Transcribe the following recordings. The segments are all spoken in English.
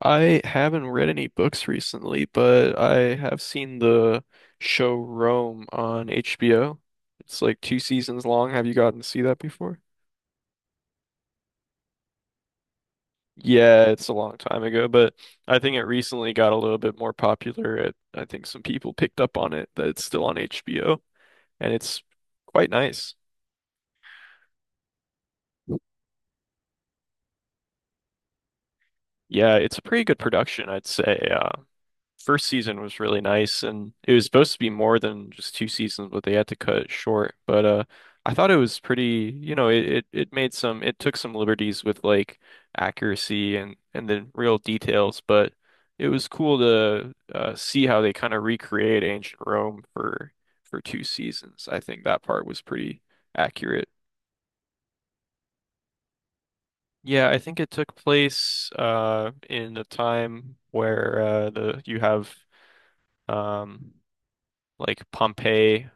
I haven't read any books recently, but I have seen the show Rome on HBO. It's like two seasons long. Have you gotten to see that before? Yeah, it's a long time ago, but I think it recently got a little bit more popular. I think some people picked up on it that it's still on HBO, and it's quite nice. Yeah, it's a pretty good production, I'd say. First season was really nice, and it was supposed to be more than just two seasons, but they had to cut it short. But I thought it was pretty, you know, it made some. It took some liberties with like accuracy and the real details, but it was cool to see how they kind of recreate ancient Rome for two seasons. I think that part was pretty accurate. Yeah, I think it took place in a time where the you have um like Pompeii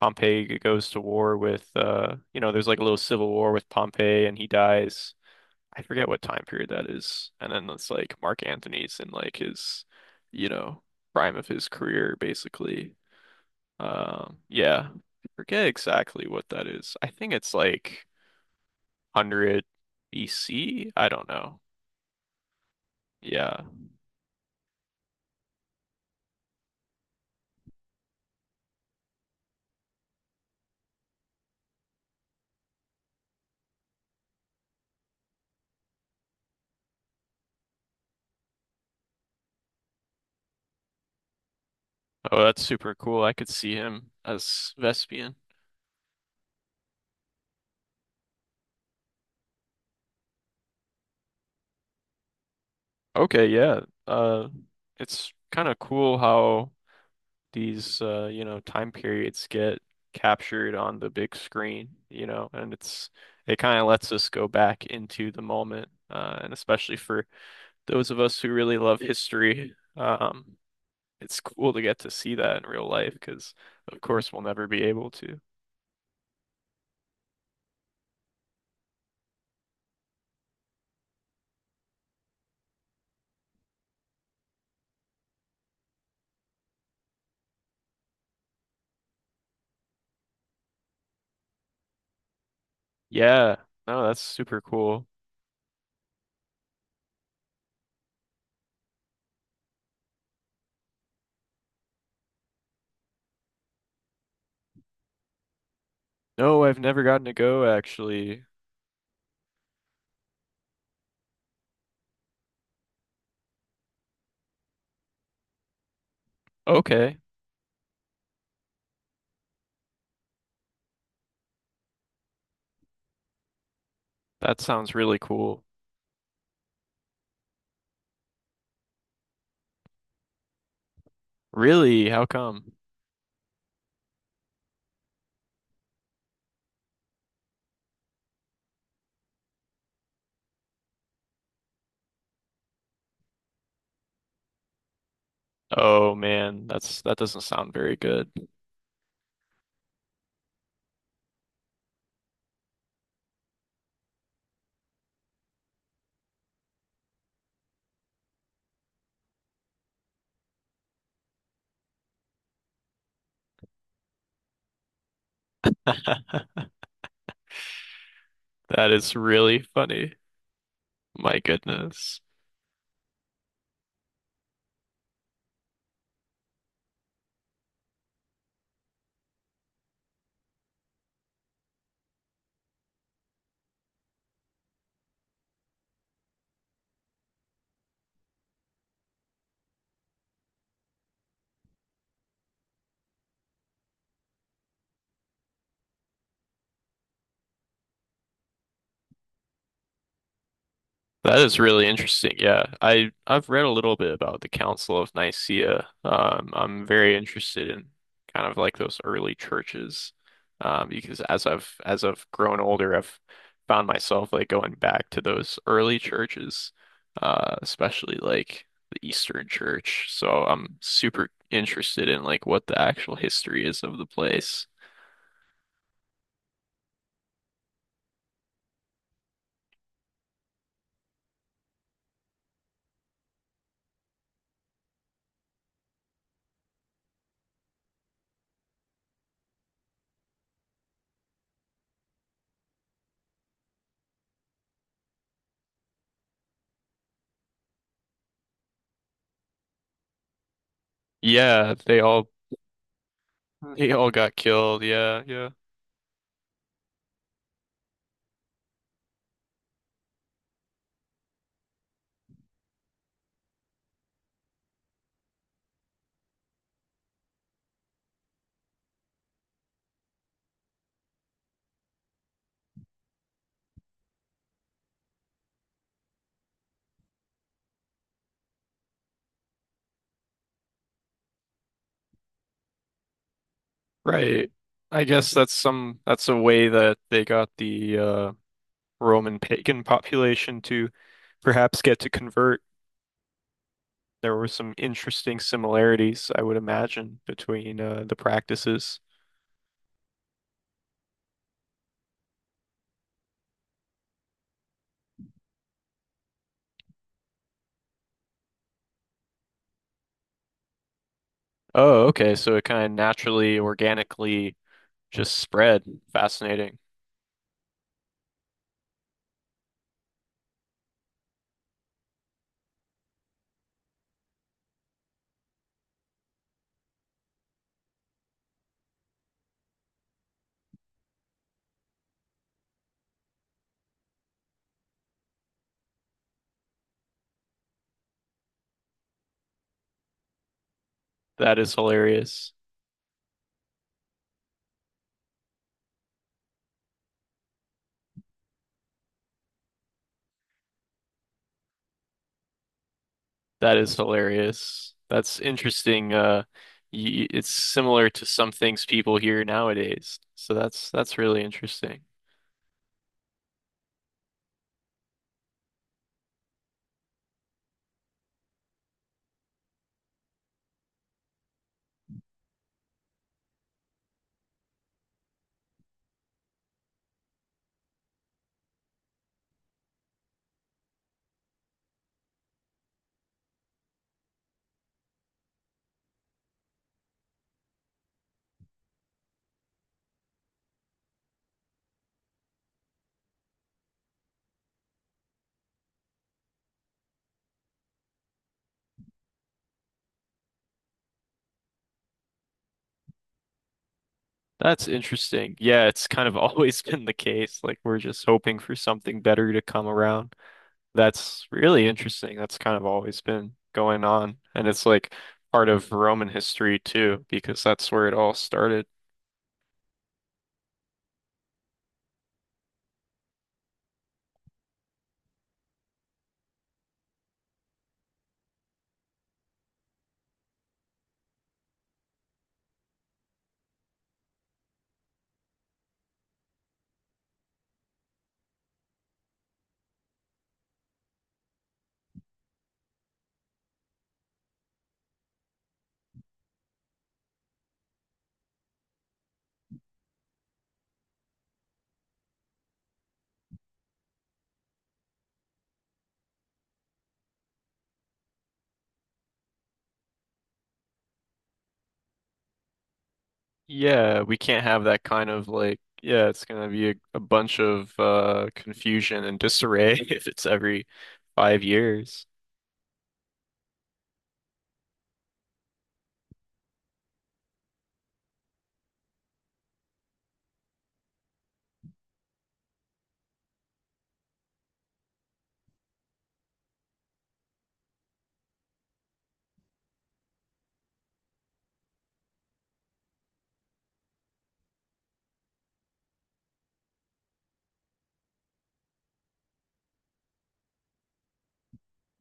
Pompey goes to war with you know there's like a little civil war with Pompey and he dies. I forget what time period that is. And then it's like Mark Antony's in like his you know prime of his career basically. Yeah. I forget exactly what that is. I think it's like 100 B C. I don't know. Yeah. Oh, that's super cool. I could see him as Vespian. Okay, yeah. Uh it's kind of cool how these you know, time periods get captured on the big screen, you know, and it kind of lets us go back into the moment. And especially for those of us who really love history, it's cool to get to see that in real life because, of course, we'll never be able to. Yeah, no, that's super cool. No, I've never gotten to go actually. Okay, that sounds really cool. Really? How come? Oh man, that doesn't sound very good. That is really funny. My goodness. That is really interesting. Yeah, I've read a little bit about the Council of Nicaea. I'm very interested in kind of like those early churches. Because as I've grown older, I've found myself like going back to those early churches, especially like the Eastern Church. So I'm super interested in like what the actual history is of the place. Yeah, they all got killed. Yeah, yeah. Right. I guess that's a way that they got the Roman pagan population to perhaps get to convert. There were some interesting similarities, I would imagine, between the practices. Oh, okay. So it kind of naturally, organically just spread. Fascinating. That is hilarious. That is hilarious. That's interesting. Y It's similar to some things people hear nowadays. So that's really interesting. That's interesting. Yeah, it's kind of always been the case. Like we're just hoping for something better to come around. That's really interesting. That's kind of always been going on. And it's like part of Roman history too, because that's where it all started. Yeah, we can't have that kind of like, yeah, it's gonna be a bunch of confusion and disarray if it's every 5 years.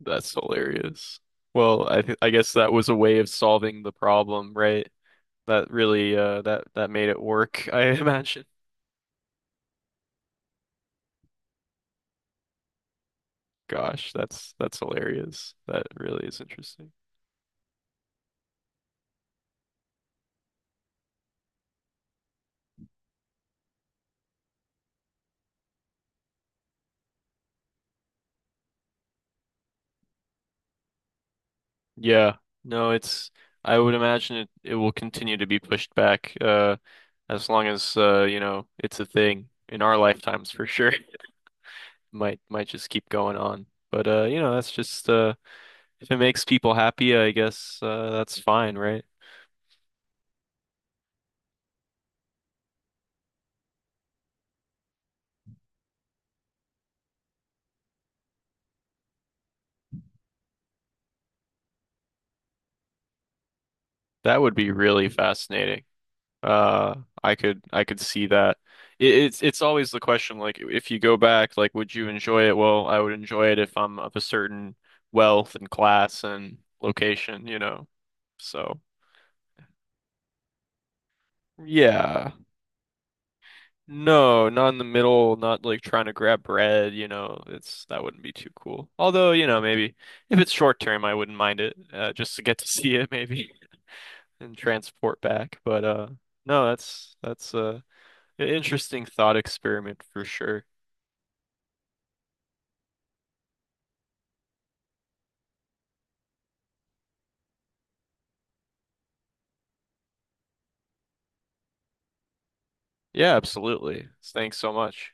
That's hilarious. Well, I guess that was a way of solving the problem, right? That really that made it work, I imagine. Gosh, that's hilarious. That really is interesting. Yeah. No, it's I would imagine it will continue to be pushed back as long as you know it's a thing in our lifetimes for sure. Might just keep going on. But you know, that's just if it makes people happy, I guess that's fine, right? That would be really fascinating. Uh I could see that. It's always the question like if you go back like would you enjoy it? Well, I would enjoy it if I'm of a certain wealth and class and location, you know. So, yeah. No, not in the middle, not like trying to grab bread, you know, it's that wouldn't be too cool. Although, you know, maybe if it's short term, I wouldn't mind it, just to get to see it maybe and transport back. But no, that's an interesting thought experiment for sure. Yeah, absolutely. Thanks so much.